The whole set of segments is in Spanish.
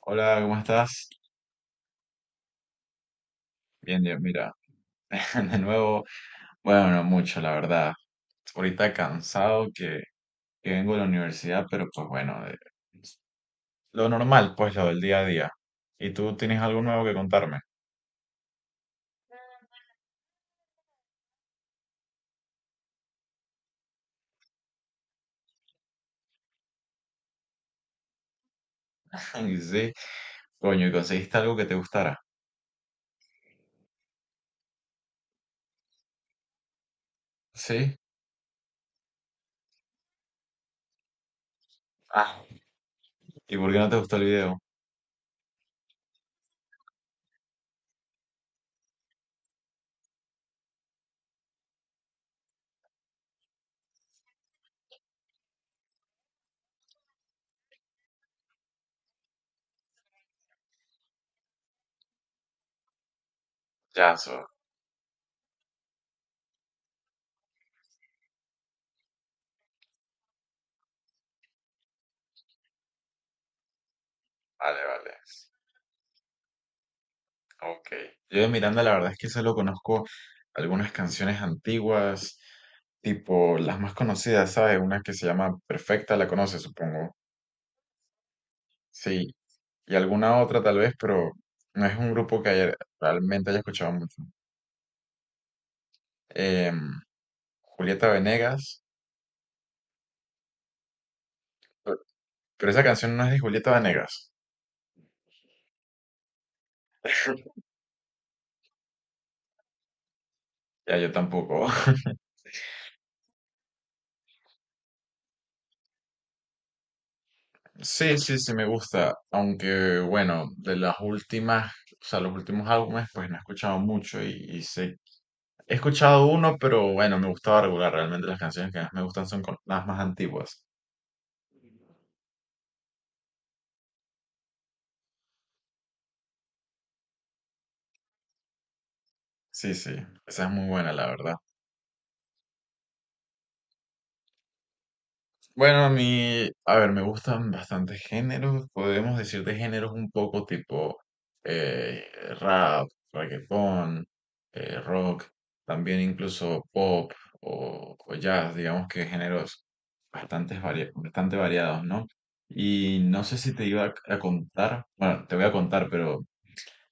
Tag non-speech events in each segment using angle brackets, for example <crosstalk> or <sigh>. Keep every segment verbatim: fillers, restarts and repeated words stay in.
Hola, ¿cómo estás? Bien, bien, mira, <laughs> de nuevo, bueno, no mucho, la verdad. Ahorita cansado que, que vengo de la universidad, pero pues bueno, de- lo normal, pues lo del día a día. ¿Y tú tienes algo nuevo que contarme? <laughs> Y sí, coño, ¿y conseguiste algo que te gustara? ¿Sí? Ah, ¿y por qué no te gustó el video? Ya, eso, vale, vale. Ok. Yo de Miranda la verdad es que solo conozco algunas canciones antiguas, tipo las más conocidas, ¿sabes? Una que se llama Perfecta, la conoces, supongo. Sí, y alguna otra tal vez, pero no es un grupo que haya- realmente haya escuchado mucho. Em, Julieta Venegas, pe- pero esa canción no es de Julieta Venegas. <laughs> Ya, yo tampoco. <laughs> Sí, sí, sí me gusta, aunque bueno, de las últimas, o sea, los últimos álbumes, pues no he escuchado mucho y, y sé. He escuchado uno, pero bueno, me gustaba regular. Realmente las canciones que más me gustan son con- las más antiguas. Sí, sí, esa es muy buena, la verdad. Bueno, a mí, a ver, me gustan bastantes géneros. Podemos decir de géneros un poco tipo eh, rap, reggaetón, eh, rock, también incluso pop o, o jazz, digamos que géneros bastantes varia- bastante variados, ¿no? Y no sé si te iba a a contar, bueno, te voy a contar, pero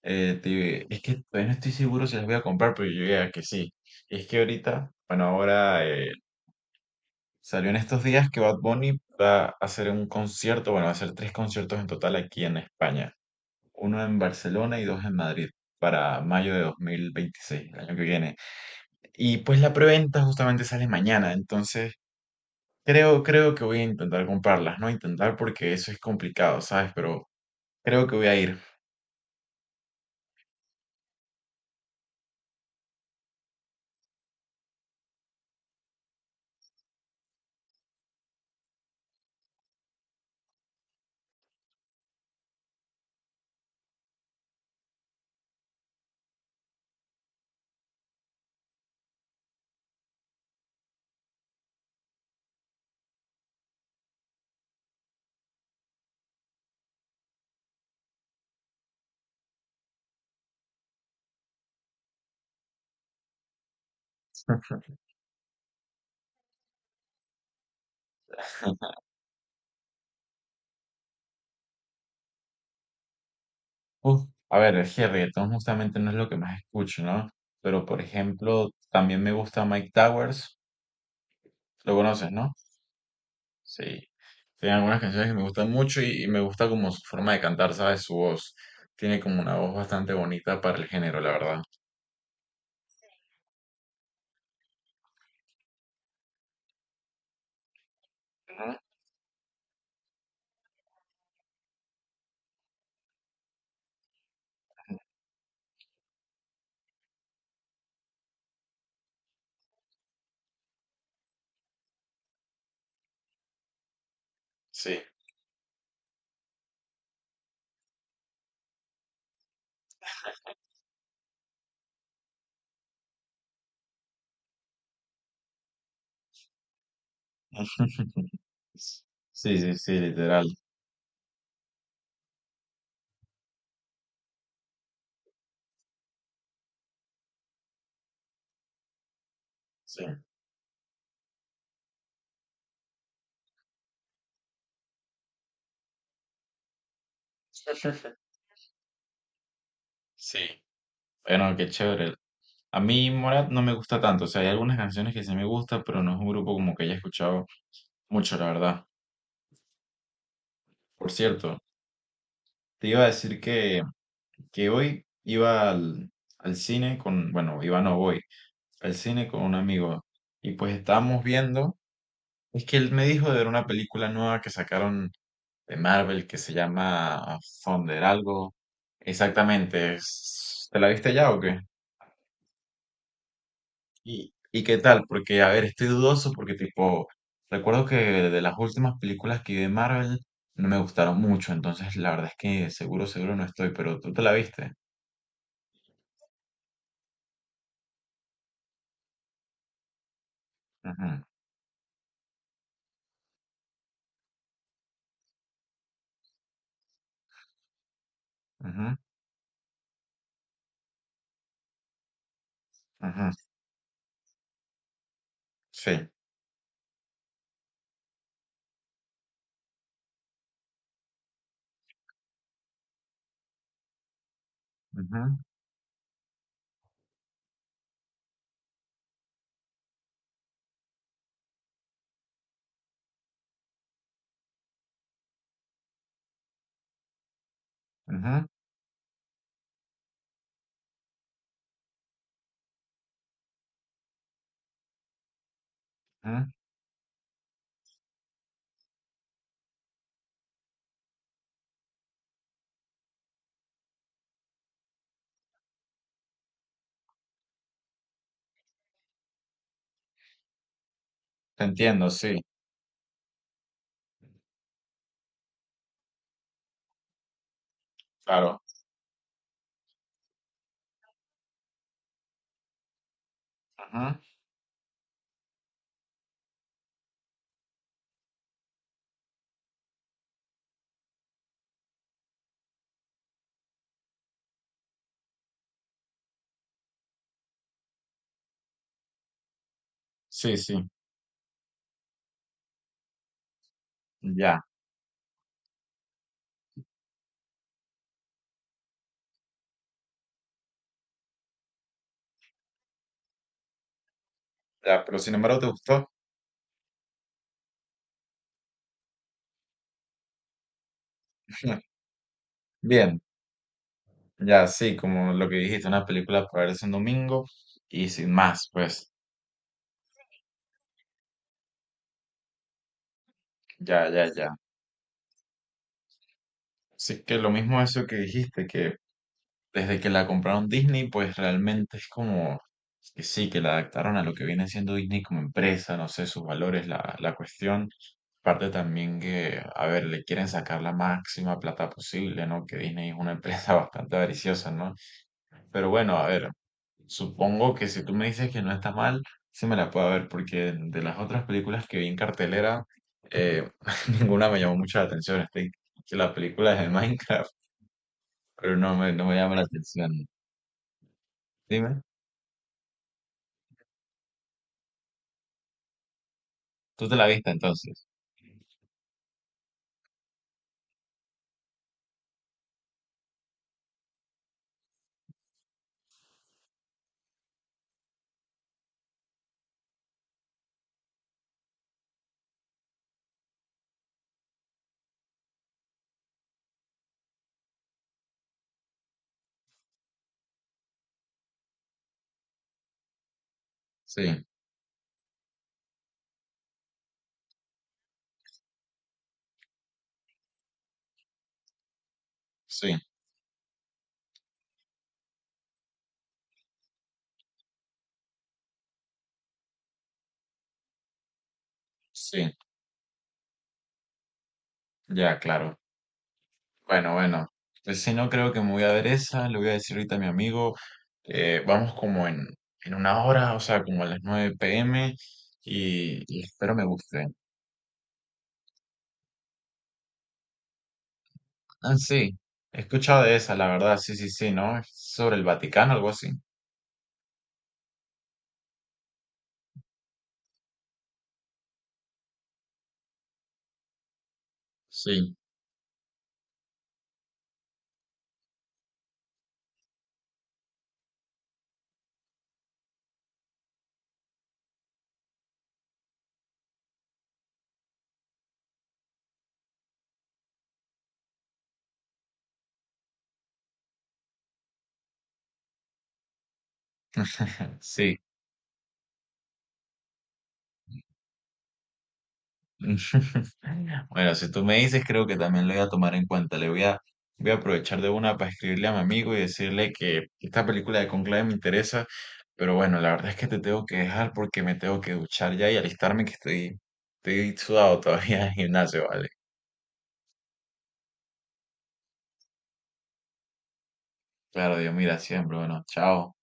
Eh, te- es que todavía no estoy seguro si las voy a comprar, pero yo diría que sí. Es que ahorita, bueno, ahora eh, salió en estos días que Bad Bunny va a hacer un concierto, bueno, va a hacer tres conciertos en total aquí en España. Uno en Barcelona y dos en Madrid para mayo de dos mil veintiséis, el año que viene. Y pues la preventa justamente sale mañana, entonces creo, creo que voy a intentar comprarlas, no intentar porque eso es complicado, ¿sabes? Pero creo que voy a ir. <laughs> Uf, a ver, es que reggaetón justamente no es lo que más escucho, ¿no? Pero, por ejemplo, también me gusta Mike Towers. Lo conoces, ¿no? Sí. Tiene algunas canciones que me gustan mucho y, y me gusta como su forma de cantar, ¿sabes? Su voz. Tiene como una voz bastante bonita para el género, la verdad. Sí. Sí, sí, sí, literal. Sí. <laughs> Sí. Bueno, qué chévere. A mí Morat no me gusta tanto. O sea, hay algunas canciones que sí me gustan, pero no es un grupo como que haya escuchado mucho, la verdad. Por cierto, te iba a decir que que hoy iba al, al cine con, bueno, iba no voy, al cine con un amigo y pues estábamos viendo, es que él me dijo de ver una película nueva que sacaron de Marvel que se llama Thunder algo. Exactamente, es- ¿te la viste ya o qué? ¿Y, y qué tal? Porque, a ver, estoy dudoso porque tipo, recuerdo que de las últimas películas que vi de Marvel no me gustaron mucho, entonces la verdad es que seguro, seguro no estoy, pero tú te la viste. Ujú, ujú, ujú. Sí. Ujú, ujú, ujú. Te entiendo, sí, claro. Ujú. Sí, sí, ya, ya, pero sin embargo te gustó. <laughs> Bien, ya, sí, como lo que dijiste, una película para verse un domingo y sin más, pues, ya, ya, ya. Así que lo mismo eso que dijiste, que desde que la compraron Disney, pues realmente es como que sí, que la adaptaron a lo que viene siendo Disney como empresa, no sé, sus valores, la, la cuestión. Aparte también que, a ver, le quieren sacar la máxima plata posible, ¿no? Que Disney es una empresa <laughs> bastante avariciosa, ¿no? Pero bueno, a ver, supongo que si tú me dices que no está mal, sí me la puedo ver, porque de las otras películas que vi en cartelera, eh, <laughs> ninguna me llamó mucho la atención. Estoy que la película es de Minecraft, pero no me, no me llama la atención. Dime. Tú te la viste entonces. Sí, sí, sí, ya, claro. Bueno, bueno. Pues si no creo que me voy a ver esa, le voy a decir ahorita a mi amigo, eh, vamos como en, en una hora, o sea, como a las nueve pe eme, y, y espero me guste. Ah, sí, he escuchado de esa, la verdad, sí, sí, sí, ¿no? Es sobre el Vaticano, algo así. Sí. Sí. <laughs> Bueno, si tú me dices, creo que también lo voy a tomar en cuenta. Le voy a, voy a aprovechar de una para escribirle a mi amigo y decirle que esta película de Conclave me interesa. Pero bueno, la verdad es que te tengo que dejar porque me tengo que duchar ya y alistarme que estoy, estoy sudado todavía <laughs> en el gimnasio, ¿vale? Claro, Dios mira siempre. Bueno, chao.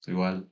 Tú igual.